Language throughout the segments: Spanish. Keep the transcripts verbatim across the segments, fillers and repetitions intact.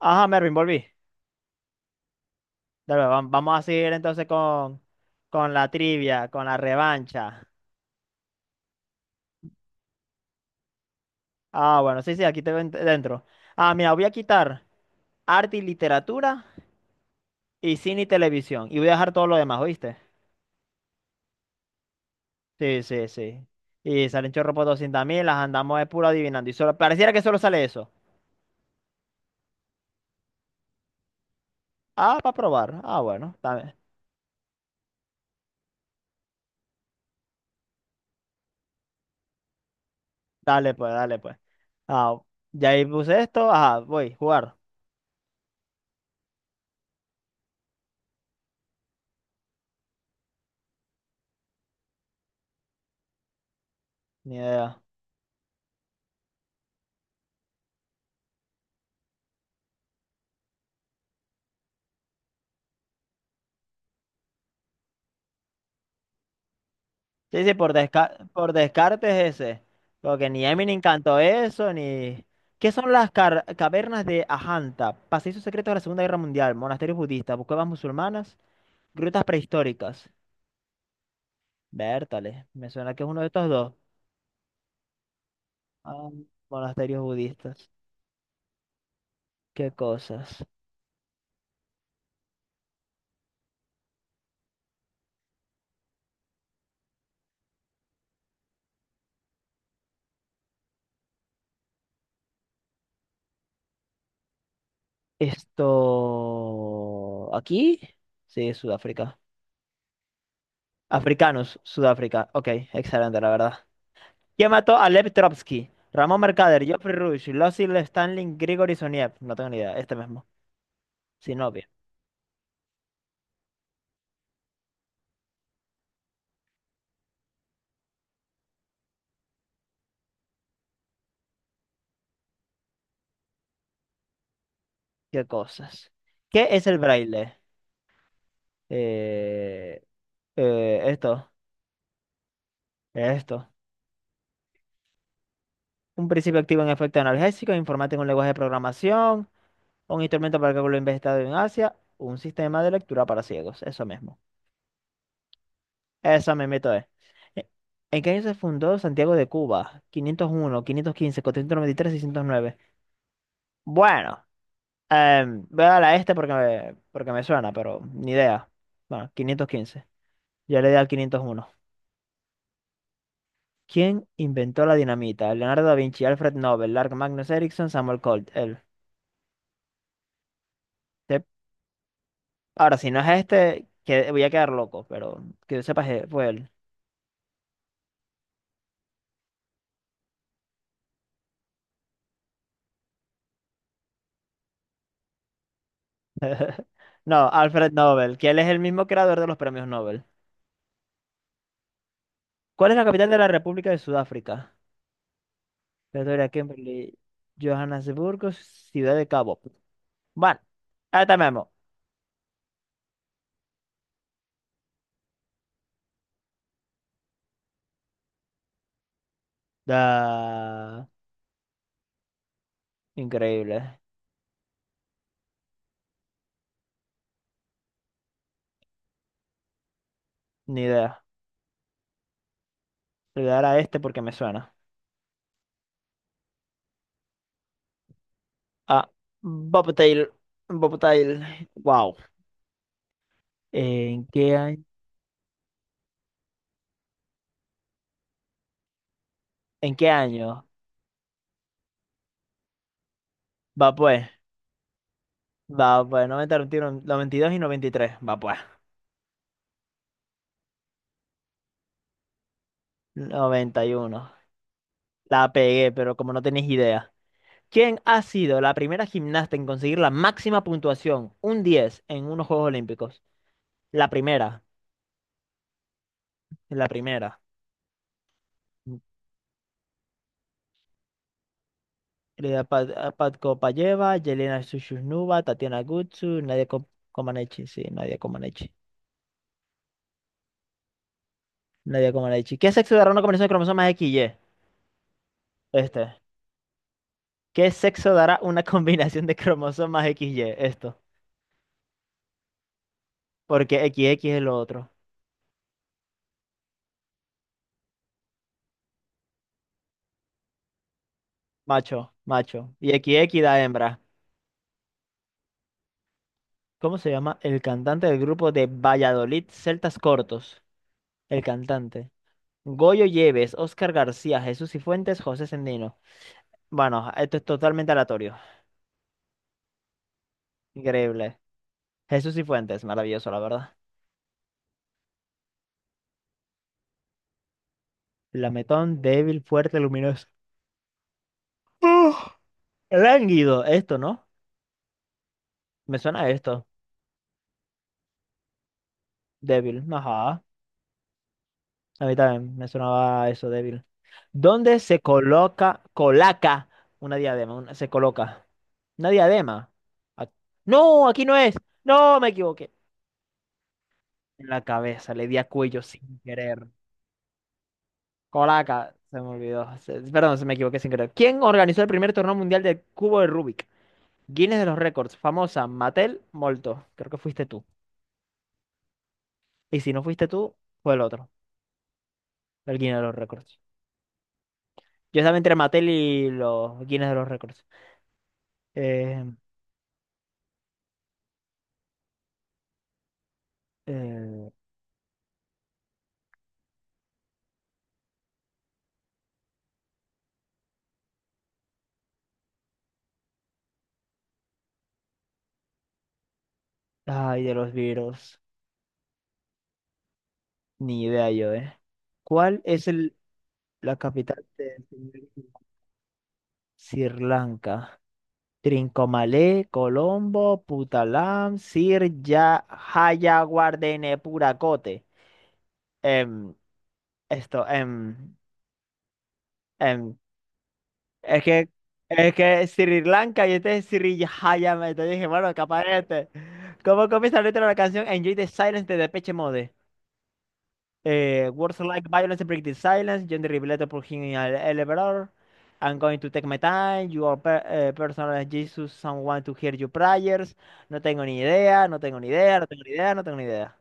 Ajá, Mervin, volví. Dale, vam- vamos a seguir entonces con, con la trivia, con la revancha. Ah, bueno, sí, sí, aquí te ven- dentro. Ah, mira, voy a quitar arte y literatura y cine y televisión. Y voy a dejar todo lo demás, ¿oíste? Sí, sí, sí. Y salen chorro por doscientos mil, las andamos de puro adivinando. Y solo, pareciera que solo sale eso. Ah, para probar. Ah, bueno, dale, dale pues, dale pues. Ah, ya ahí puse esto. Ajá, voy, jugar. Ni idea. Sí, sí, por desca- por descartes ese. Porque ni Eminem cantó eso, ni... ¿Qué son las car- cavernas de Ajanta? Pasillos secretos de la Segunda Guerra Mundial, monasterios budistas, cuevas musulmanas, grutas prehistóricas. Vértale, me suena que es uno de estos dos. Ah, monasterios budistas. ¿Qué cosas? Esto... ¿Aquí? Sí, Sudáfrica. Africanos, Sudáfrica. Ok, excelente, la verdad. ¿Quién mató a Lev Trotsky? Ramón Mercader, Geoffrey Rush, Lossy Stanley, Grigori Soniev. No tengo ni idea, este mismo. Sinoviev. Qué cosas. ¿Qué es el braille? Eh, eh, esto, esto. Un principio activo en efecto analgésico, informático en un lenguaje de programación, un instrumento para cálculo inventado en Asia, un sistema de lectura para ciegos. Eso mismo. Eso me meto es. Eh, ¿En qué año se fundó Santiago de Cuba? quinientos uno, quinientos quince, cuatrocientos noventa y tres, seiscientos nueve. Bueno. Em, voy a dar a este porque me, porque me suena, pero ni idea. Bueno, quinientos quince. Ya le di al quinientos uno. ¿Quién inventó la dinamita? Leonardo da Vinci, Alfred Nobel, Lark Magnus Ericsson, Samuel Colt. Él. Te- Ahora, si no es este, que voy a quedar loco, pero que yo sepa que fue él. No, Alfred Nobel, que él es el mismo creador de los premios Nobel. ¿Cuál es la capital de la República de Sudáfrica? Pretoria, Kimberley, Johannesburgo, Ciudad de Cabo. Bueno, ahí está Memo. Da... Increíble. Ni idea. Le voy a dar a este porque me suena. Ah, Bobtail. Bobtail. Wow. ¿En qué año? ¿En qué año? Va pues. Va pues. noventa, noventa y uno, noventa y dos y dos y noventa y tres. Va pues. Noventa y uno. La pegué, pero como no tenéis idea. ¿Quién ha sido la primera gimnasta en conseguir la máxima puntuación, un diez en unos Juegos Olímpicos? La primera. La primera. Elena Pad- a Pat Kopayeva, Yelena Shushnova, Tatiana Gutsu, Nadia Ko- Comaneci. Sí, Nadia Comaneci. Nadie como Nadia dicho. ¿Qué sexo dará una combinación de cromosomas X Y? Este. ¿Qué sexo dará una combinación de cromosomas X Y? Esto. Porque X X es lo otro. Macho, macho. Y X X da hembra. ¿Cómo se llama el cantante del grupo de Valladolid Celtas Cortos? El cantante. Goyo Lleves, Óscar García, Jesús Cifuentes, José Sendino. Bueno, esto es totalmente aleatorio. Increíble. Jesús Cifuentes, maravilloso, la verdad. Lametón, débil, fuerte, luminoso. ¡Uf! Lánguido, esto, ¿no? Me suena esto, débil. Ajá. A mí también me sonaba eso, débil. ¿Dónde se coloca, colaca una diadema? Una- se coloca. Una diadema. Ac- no, aquí no es. No, me equivoqué. En la cabeza, le di a cuello sin querer. Colaca, se me olvidó. Se- perdón, se me equivoqué sin querer. ¿Quién organizó el primer torneo mundial del cubo de Rubik? Guinness de los récords, famosa, Mattel, Molto. Creo que fuiste tú. Y si no fuiste tú, fue el otro, el Guinness de los récords. Yo estaba entre y los Guinness de los Récords. Eh, eh, ay, de los virus. Ni idea yo, ¿eh? ¿Cuál es el, la capital de Sri Lanka? Trincomalee, Colombo, Putalam, Sir Ya, Jayawardenepura, Kotte. Em, esto, em, em, Es que, es que Sri Lanka y este es Sri Jayame. Entonces dije, bueno, capaz este. ¿Cómo comienza la letra de la canción Enjoy the Silence de Depeche Mode? Eh, words like violence break the silence. John the Revelator por him in an elevator. I'm going to take my time. You are per- eh, personal as Jesus. Someone to hear your prayers. No tengo ni idea, no tengo ni idea, no tengo ni idea, no tengo ni idea.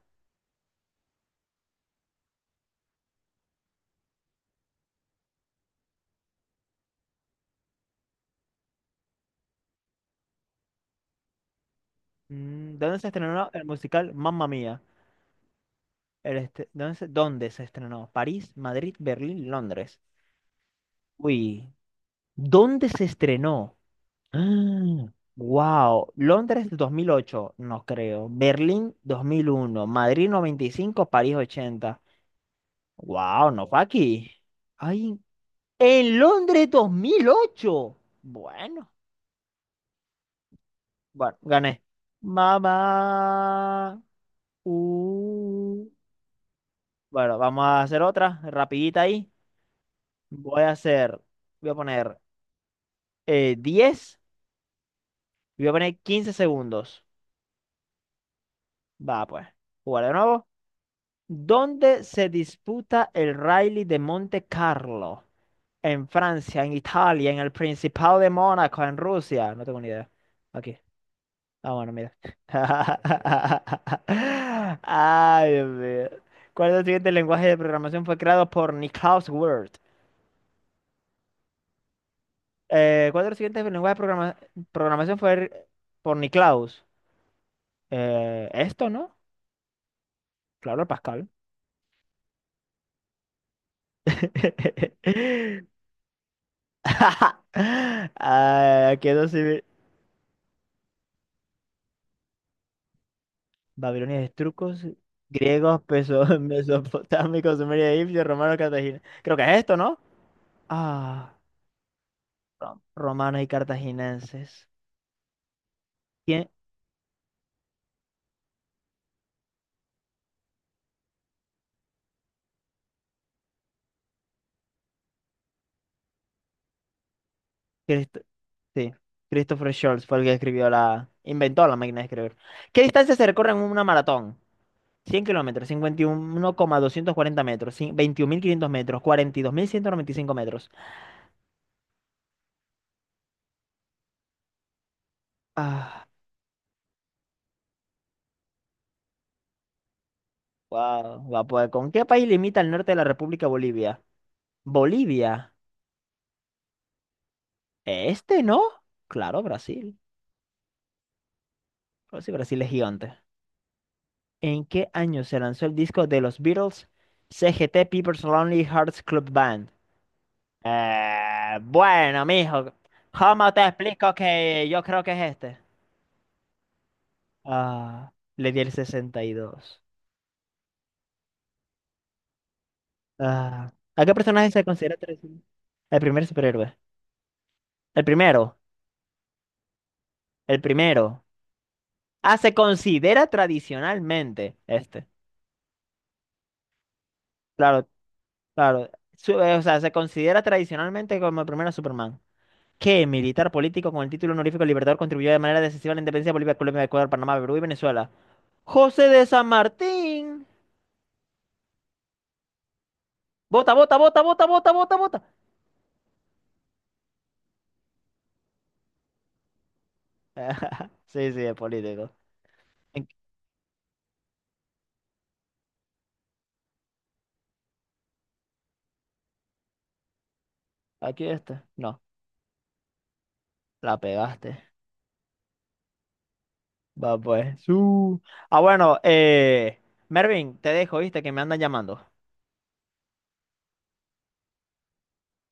Mm, ¿dónde se estrenó el musical Mamma Mía? El este- ¿dónde se, dónde se estrenó? ¿París, Madrid, Berlín, Londres? Uy. ¿Dónde se estrenó? Wow. Londres dos mil ocho, no creo. Berlín dos mil uno, Madrid noventa y cinco, París ochenta. Wow, no fue aquí. Ay, en Londres dos mil ocho. Bueno, bueno, gané. Mamá. Uh. Bueno, vamos a hacer otra, rapidita ahí. Voy a hacer, voy a poner eh, diez, y voy a poner quince segundos. Va, pues. Jugar de nuevo. ¿Dónde se disputa el Rally de Monte Carlo? En Francia, en Italia, en el Principado de Mónaco, en Rusia. No tengo ni idea. Aquí. Ah, bueno, mira. Ay, Dios mío. ¿Cuál de los siguientes lenguajes de programación fue creado por Niklaus Wirth? Eh, ¿cuál de los siguientes lenguajes de programa- programación fue por Niklaus? Eh, esto, ¿no? Claro, Pascal. Ah, aquí no sí. Babilonia, trucos, griegos, peso- mesopotámicos, sumerios, egipcios, romanos, cartagineses. Creo que es esto, ¿no? Ah, ro- romanos y cartaginenses. ¿Quién? Crist- sí, Christopher Scholz fue el que escribió la... inventó la máquina de escribir. ¿Qué distancia se recorre en una maratón? Cien kilómetros, cincuenta y uno coma doscientos cuarenta metros, cin- veintiún mil quinientos metros, cuarenta y dos mil ciento noventa y cinco metros. Ah, wow, va a poder. ¿Con qué país limita el norte de la República Bolivia? Bolivia. Este no. Claro, Brasil. Pues sí, Brasil es gigante. ¿En qué año se lanzó el disco de los Beatles, C G T People's Lonely Hearts Club Band? Eh, bueno, mijo, ¿cómo te explico que yo creo que es este? Ah, le di el sesenta y dos. Ah, ¿a qué personaje se considera tradicional? El primer superhéroe. El primero, el primero. Ah, se considera tradicionalmente este. Claro, claro, su- eh, o sea, se considera tradicionalmente como el primer Superman, que militar político con el título honorífico Libertador contribuyó de manera decisiva a la independencia de Bolivia, Colombia, Ecuador, Panamá, Perú y Venezuela. José de San Martín. Vota, vota, vota, vota, vota, vota, vota. Sí, sí, es político. En- Aquí está. No, la pegaste. Va pues. Su. Ah, bueno, eh, Mervin, te dejo, viste, que me andan llamando.